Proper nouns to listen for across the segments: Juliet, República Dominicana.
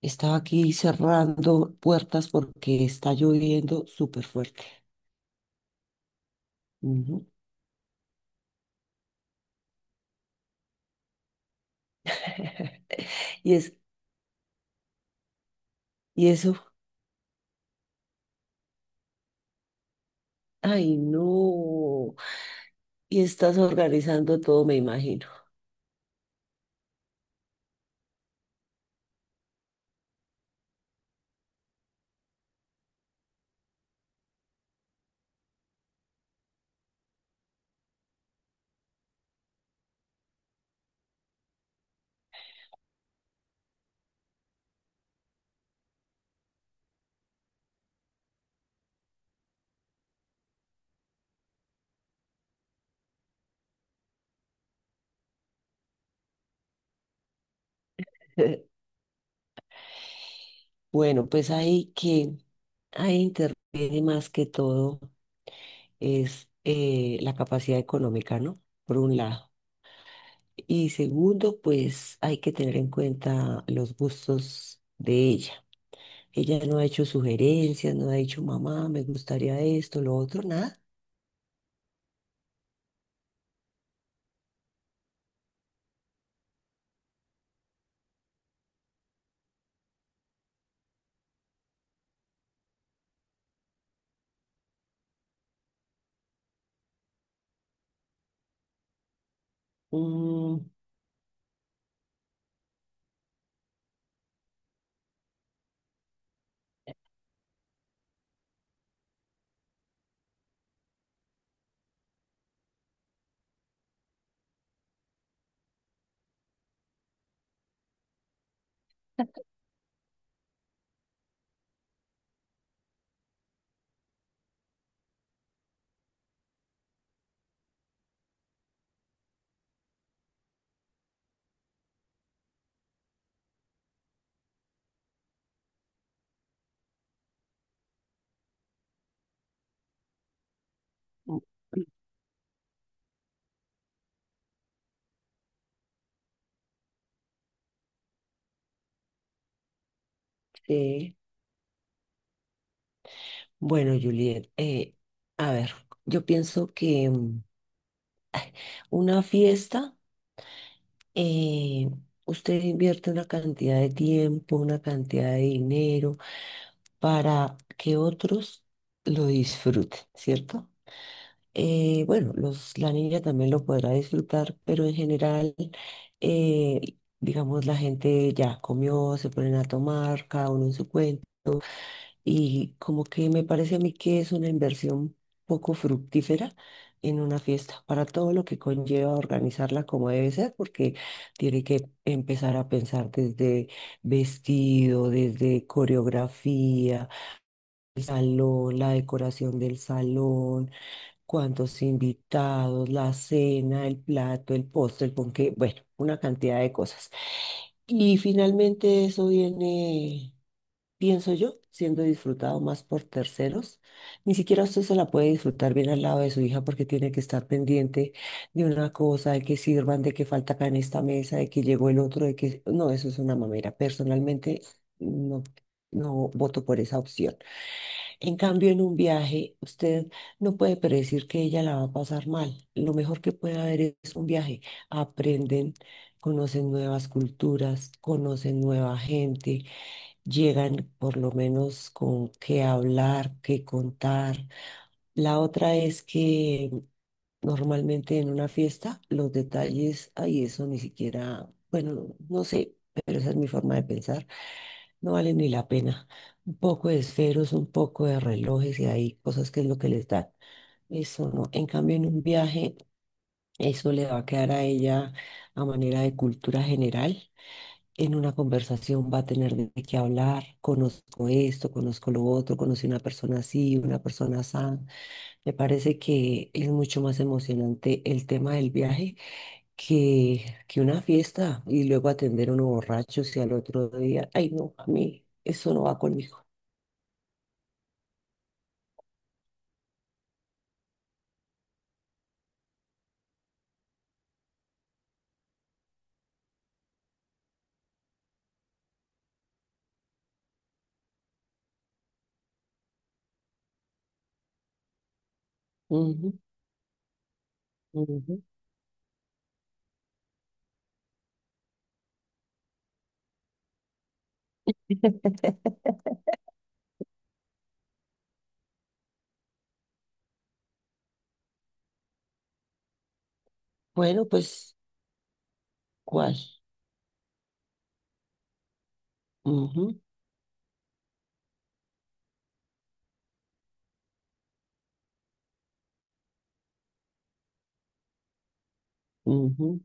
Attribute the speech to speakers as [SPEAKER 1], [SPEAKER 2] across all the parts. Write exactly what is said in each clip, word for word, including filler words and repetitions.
[SPEAKER 1] Estaba aquí cerrando puertas porque está lloviendo súper fuerte. Ujú. Y es, y eso, ay, no. Y estás organizando todo, me imagino. Bueno, pues ahí que ahí interviene más que todo es eh, la capacidad económica, ¿no? Por un lado. Y segundo, pues hay que tener en cuenta los gustos de ella. Ella no ha hecho sugerencias, no ha dicho, mamá, me gustaría esto, lo otro, nada. Mm, sí. Bueno, Juliet, eh, a ver, yo pienso que mm, una fiesta, eh, usted invierte una cantidad de tiempo, una cantidad de dinero para que otros lo disfruten, ¿cierto? Eh, bueno, los, la niña también lo podrá disfrutar, pero en general, eh, digamos, la gente ya comió, se ponen a tomar, cada uno en su cuento, y como que me parece a mí que es una inversión poco fructífera en una fiesta, para todo lo que conlleva organizarla como debe ser, porque tiene que empezar a pensar desde vestido, desde coreografía, el salón, la decoración del salón, cuántos invitados, la cena, el plato, el postre, el ponqué, bueno, una cantidad de cosas. Y finalmente eso viene, pienso yo, siendo disfrutado más por terceros. Ni siquiera usted se la puede disfrutar bien al lado de su hija porque tiene que estar pendiente de una cosa, de que sirvan, de que falta acá en esta mesa, de que llegó el otro, de que... No, eso es una mamera. Personalmente, no, no voto por esa opción. En cambio, en un viaje, usted no puede predecir que ella la va a pasar mal. Lo mejor que puede haber es un viaje. Aprenden, conocen nuevas culturas, conocen nueva gente, llegan por lo menos con qué hablar, qué contar. La otra es que normalmente en una fiesta los detalles, ahí eso ni siquiera, bueno, no, no sé, pero esa es mi forma de pensar, no vale ni la pena. Un poco de esferos, un poco de relojes y hay cosas que es lo que les dan. Eso no. En cambio, en un viaje, eso le va a quedar a ella a manera de cultura general. En una conversación va a tener de qué hablar, conozco esto, conozco lo otro, conocí una persona así, una persona así. Me parece que es mucho más emocionante el tema del viaje que, que una fiesta y luego atender a uno borracho y al otro día, ay no, a mí eso no va conmigo. Ujú, ujú. Bueno, pues, ¿cuál? Ujú, ujú.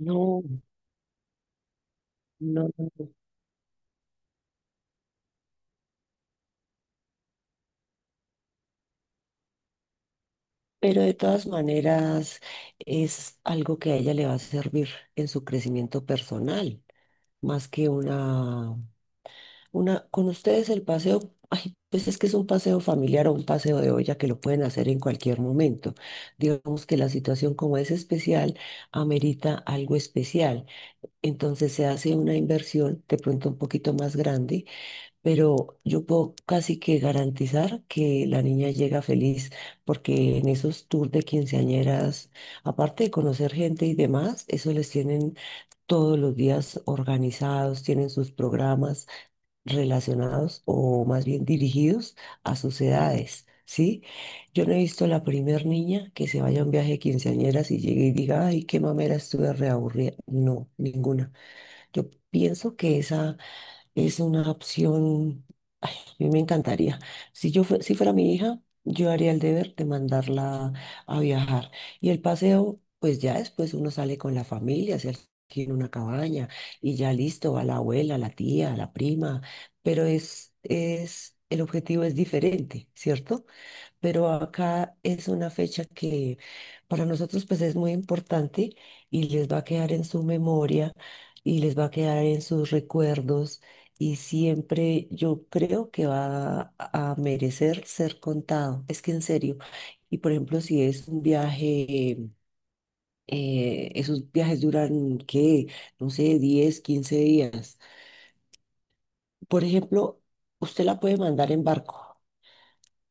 [SPEAKER 1] No, no, no. Pero de todas maneras es algo que a ella le va a servir en su crecimiento personal, más que una Una, Con ustedes el paseo, ay, pues es que es un paseo familiar o un paseo de olla que lo pueden hacer en cualquier momento. Digamos que la situación como es especial, amerita algo especial. Entonces se hace una inversión de pronto un poquito más grande, pero yo puedo casi que garantizar que la niña llega feliz, porque en esos tours de quinceañeras, aparte de conocer gente y demás, eso les tienen todos los días organizados, tienen sus programas relacionados o más bien dirigidos a sus edades, ¿sí? Yo no he visto la primer niña que se vaya a un viaje de quinceañeras y llegue y diga, ay, qué mamera estuve reaburrida. No, ninguna. Yo pienso que esa es una opción, ay, a mí me encantaría. Si yo fue- si fuera mi hija, yo haría el deber de mandarla a viajar. Y el paseo, pues ya después uno sale con la familia, se alquila una cabaña y ya listo, va la abuela, la tía, la prima, pero es, es, el objetivo es diferente, ¿cierto? Pero acá es una fecha que para nosotros pues es muy importante y les va a quedar en su memoria y les va a quedar en sus recuerdos y siempre yo creo que va a a merecer ser contado, es que en serio. Y por ejemplo, si es un viaje, eh, esos viajes duran, ¿qué? No sé, diez quince días. Por ejemplo, usted la puede mandar en barco.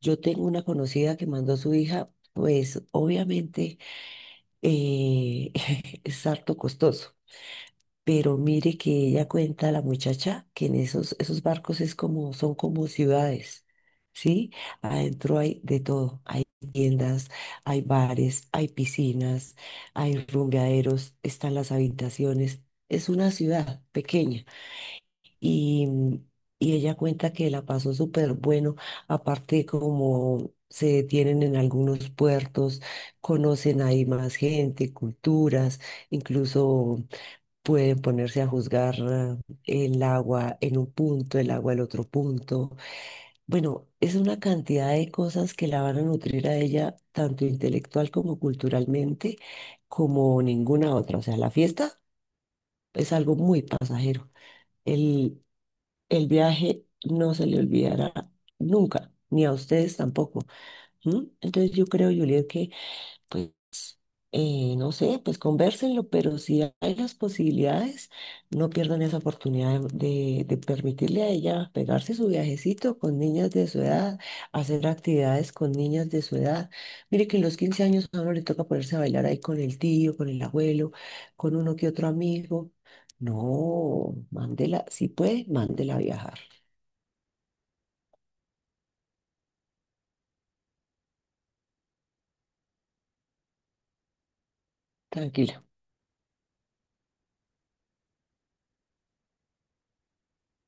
[SPEAKER 1] Yo tengo una conocida que mandó a su hija, pues obviamente eh, es harto costoso, pero mire que ella cuenta, la muchacha, que en esos, esos barcos es como, son como ciudades, ¿sí? Adentro hay de todo, hay tiendas, hay bares, hay piscinas, hay rumbeaderos, están las habitaciones, es una ciudad pequeña y, y ella cuenta que la pasó súper bueno, aparte como se detienen en algunos puertos, conocen ahí más gente, culturas, incluso pueden ponerse a juzgar ah, el agua en un punto, el agua en otro punto. Bueno, es una cantidad de cosas que la van a nutrir a ella, tanto intelectual como culturalmente, como ninguna otra. O sea, la fiesta es algo muy pasajero. El el viaje no se le olvidará nunca, ni a ustedes tampoco. ¿M? Entonces yo creo, Juliet, que, pues, eh, no sé, pues convérsenlo, pero si hay las posibilidades, no pierdan esa oportunidad de, de de permitirle a ella pegarse su viajecito con niñas de su edad, hacer actividades con niñas de su edad. Mire que en los quince años a uno le toca ponerse a bailar ahí con el tío, con el abuelo, con uno que otro amigo. No, mándela, si puede, mándela a viajar. Tranquila.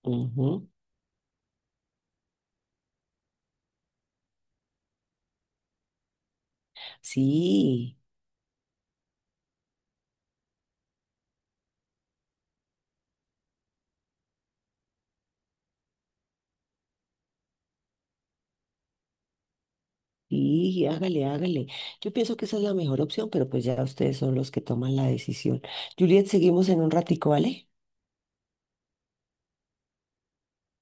[SPEAKER 1] Ujú. Sí, sí, hágale, hágale. Yo pienso que esa es la mejor opción, pero pues ya ustedes son los que toman la decisión. Juliet, seguimos en un ratico, ¿vale?